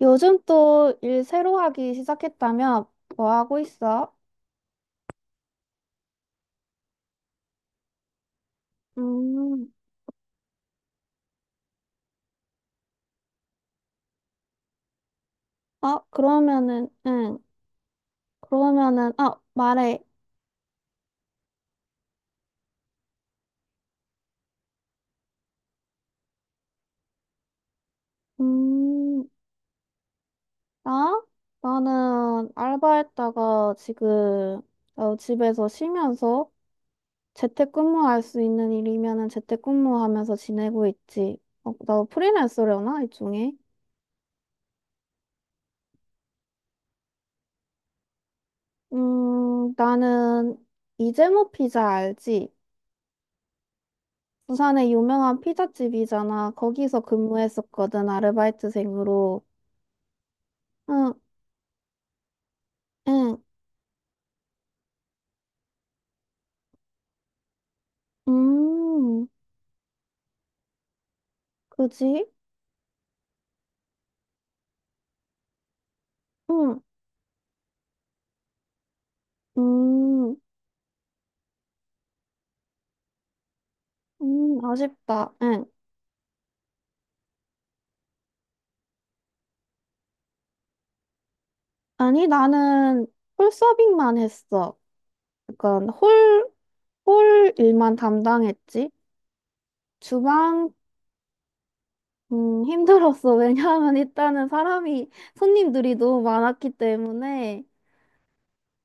요즘 또 일 새로 하기 시작했다며? 뭐 하고 있어? 음, 아, 그러면은, 응. 그러면은, 아, 말해. 음, 나? 나는 알바했다가 지금 집에서 쉬면서 재택근무할 수 있는 일이면은 재택근무하면서 지내고 있지. 어, 너 프리랜서려나? 일종의? 나는 이재모 피자 알지? 부산에 유명한 피자집이잖아. 거기서 근무했었거든, 아르바이트생으로. 응, 응, 음, 그지? 응, 음, 아쉽다. 응. 아니, 나는 홀 서빙만 했어. 그건 홀, 홀 일만 담당했지. 주방, 힘들었어. 왜냐하면 손님들이 너무 많았기 때문에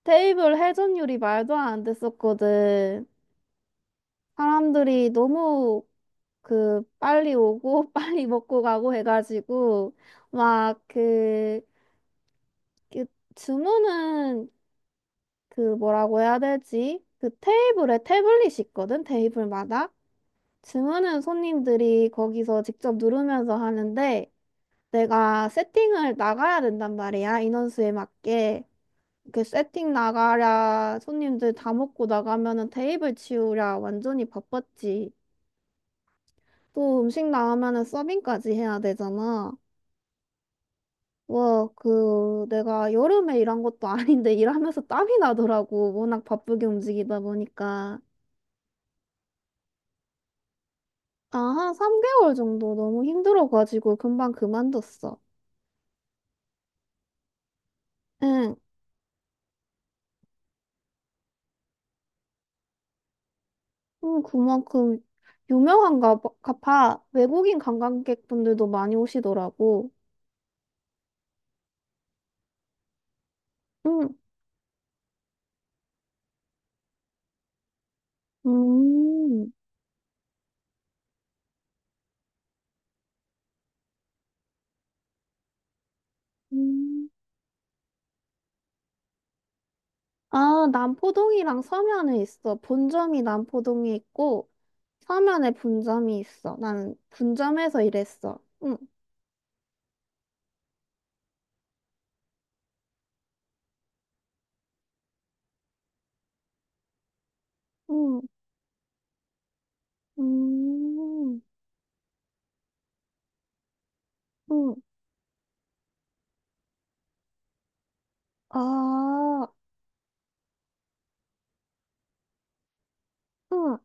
테이블 회전율이 말도 안 됐었거든. 사람들이 너무 그 빨리 오고 빨리 먹고 가고 해가지고 막그 그 그 주문은, 그 뭐라고 해야 되지? 그 테이블에 태블릿이 있거든, 테이블마다. 주문은 손님들이 거기서 직접 누르면서 하는데 내가 세팅을 나가야 된단 말이야, 인원수에 맞게. 그 세팅 나가랴 손님들 다 먹고 나가면은 테이블 치우랴 완전히 바빴지. 또 음식 나오면은 서빙까지 해야 되잖아. 와, 그, 내가 여름에 일한 것도 아닌데 일하면서 땀이 나더라고. 워낙 바쁘게 움직이다 보니까. 아, 한 3개월 정도 너무 힘들어가지고 금방 그만뒀어. 응, 응, 그만큼 유명한가 봐. 가 봐. 외국인 관광객분들도 많이 오시더라고. 응, 음, 음. 아, 남포동이랑 서면에 있어. 본점이 남포동에 있고, 서면에 분점이 있어. 나는 분점에서 일했어. 응. 응. 음, 음, 아, 음,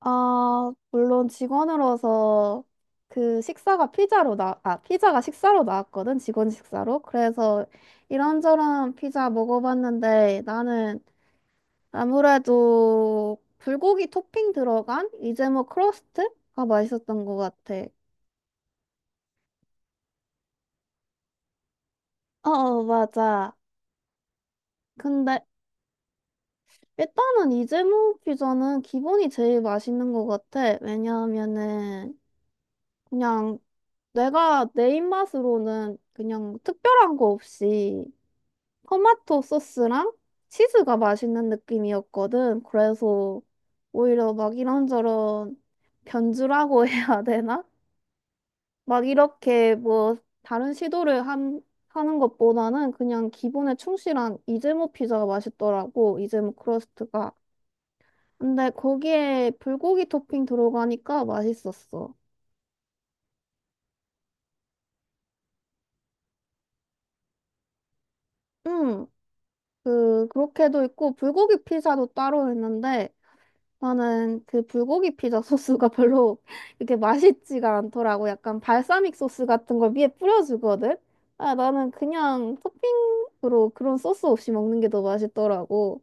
아, 물론 직원으로서 그 식사가 아, 피자가 식사로 나왔거든, 직원 식사로. 그래서 이런저런 피자 먹어봤는데 나는 아무래도 불고기 토핑 들어간 이재모 크러스트가 맛있었던 것 같아. 어, 어, 맞아. 근데 일단은 이재모 피자는 기본이 제일 맛있는 것 같아. 왜냐하면은 그냥 내가 내 입맛으로는 그냥 특별한 거 없이 토마토 소스랑 치즈가 맛있는 느낌이었거든. 그래서 오히려 막 이런저런 변주라고 해야 되나? 막 이렇게 뭐 다른 하는 것보다는 그냥 기본에 충실한 이즈모 피자가 맛있더라고. 이즈모 크러스트가. 근데 거기에 불고기 토핑 들어가니까 맛있었어. 응. 그렇게도 있고, 불고기 피자도 따로 있는데, 나는 그 불고기 피자 소스가 별로 이렇게 맛있지가 않더라고. 약간 발사믹 소스 같은 걸 위에 뿌려주거든? 아, 나는 그냥 토핑으로 그런 소스 없이 먹는 게 더 맛있더라고.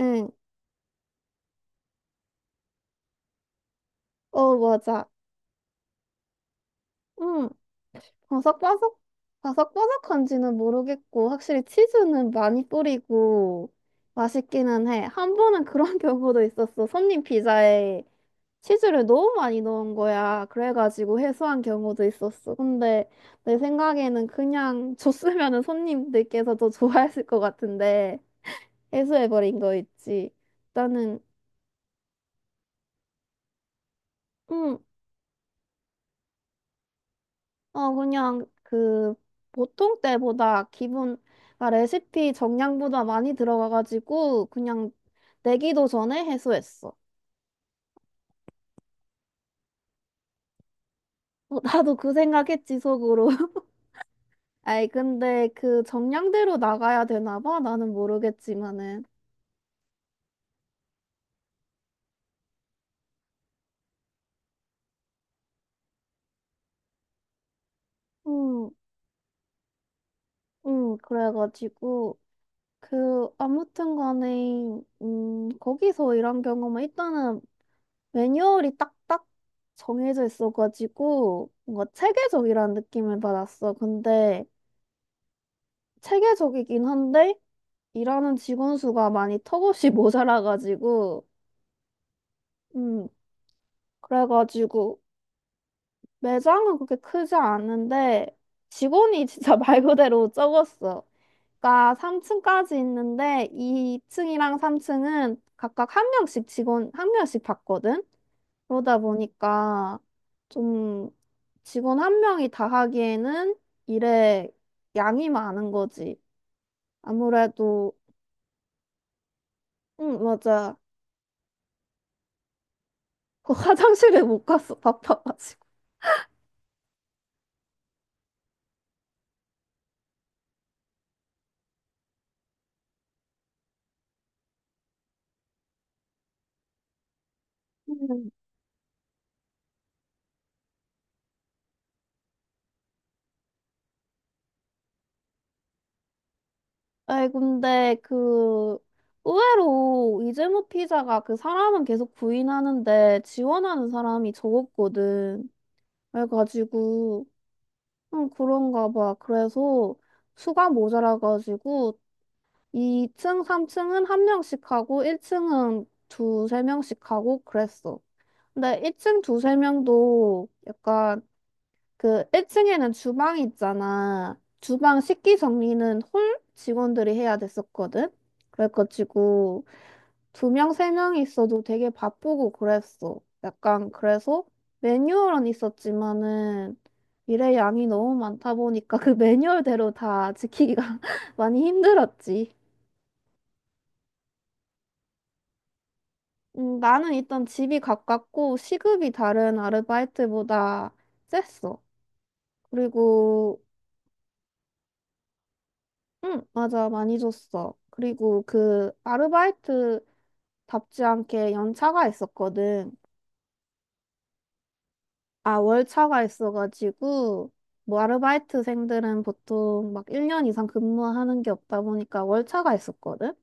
응, 어, 맞아. 응, 바삭바삭, 바삭바삭한지는 모르겠고, 확실히 치즈는 많이 뿌리고, 맛있기는 해. 한 번은 그런 경우도 있었어. 손님 피자에. 치즈를 너무 많이 넣은 거야. 그래가지고 해소한 경우도 있었어. 근데 내 생각에는 그냥 줬으면은 손님들께서 더 좋아했을 것 같은데 해소해버린 거 있지. 나는 음, 어 그냥 그 보통 때보다 기본, 아, 레시피 정량보다 많이 들어가가지고 그냥 내기도 전에 해소했어. 어, 나도 그 생각했지 속으로. 아이, 근데 그 정량대로 나가야 되나 봐. 나는 모르겠지만은. 음. 응, 그래가지고, 그, 아무튼 간에, 거기서 일한 경험은 일단은 매뉴얼이 딱딱 정해져 있어가지고, 뭔가 체계적이라는 느낌을 받았어. 근데, 체계적이긴 한데, 일하는 직원 수가 많이 턱없이 모자라가지고, 음, 그래가지고, 매장은 그렇게 크지 않은데, 직원이 진짜 말 그대로 적었어. 가 3층까지 있는데 2층이랑 3층은 각각 한 명씩, 직원 한 명씩 받거든. 그러다 보니까 좀 직원 한 명이 다 하기에는 일에 양이 많은 거지. 아무래도 응 맞아. 그 화장실에 못 갔어, 바빠가지고. 음. 아이 근데 그 의외로 이재모 피자가, 그 사람은 계속 부인하는데, 지원하는 사람이 적었거든. 그래가지고 응, 그런가 봐. 그래서 수가 모자라가지고 2층, 3층은 한 명씩 하고 1층은 두세 명씩 하고 그랬어. 근데 1층 두세 명도 약간 그 1층에는 주방이 있잖아. 주방 식기 정리는 홀 직원들이 해야 됐었거든. 그래가지고 두 명, 세 명 있어도 되게 바쁘고 그랬어. 약간 그래서 매뉴얼은 있었지만은 일의 양이 너무 많다 보니까 그 매뉴얼대로 다 지키기가 많이 힘들었지. 나는 일단 집이 가깝고 시급이 다른 아르바이트보다 셌어. 그리고 응, 맞아, 많이 줬어. 그리고 그 아르바이트답지 않게 연차가 있었거든. 아, 월차가 있어가지고, 뭐, 아르바이트생들은 보통 막 1년 이상 근무하는 게 없다 보니까 월차가 있었거든?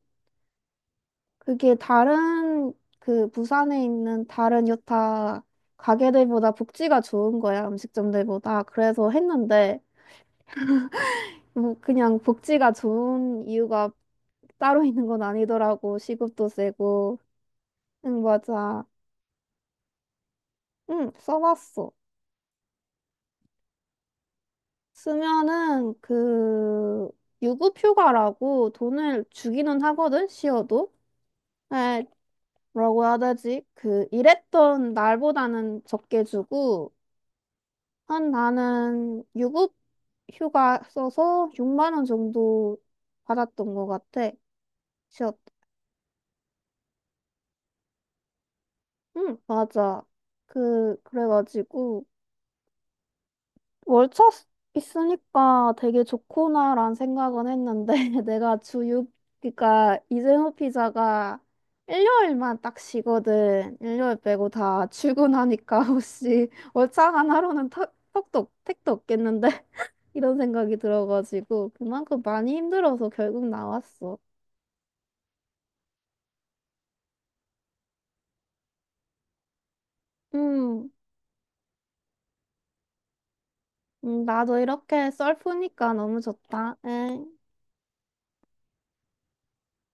그게 다른, 그 부산에 있는 다른 여타 가게들보다 복지가 좋은 거야, 음식점들보다. 그래서 했는데, 뭐, 그냥 복지가 좋은 이유가 따로 있는 건 아니더라고. 시급도 세고. 응, 맞아. 응, 써봤어. 쓰면은 그 유급휴가라고 돈을 주기는 하거든, 시어도. 에 뭐라고 해야 되지? 그 일했던 날보다는 적게 주고, 한 나는 유급휴가 써서 6만 원 정도 받았던 것 같아, 시어. 응 맞아. 그 그래가지고 월차 쓰- 있으니까 되게 좋구나란 생각은 했는데, 내가 주 6, 그러니까 이재호 피자가 일요일만 딱 쉬거든. 일요일 빼고 다 출근하니까 혹시 월차 하나로는 턱도 택도 없겠는데 이런 생각이 들어가지고 그만큼 많이 힘들어서 결국 나왔어. 음, 나도 이렇게 썰프니까 너무 좋다. 응.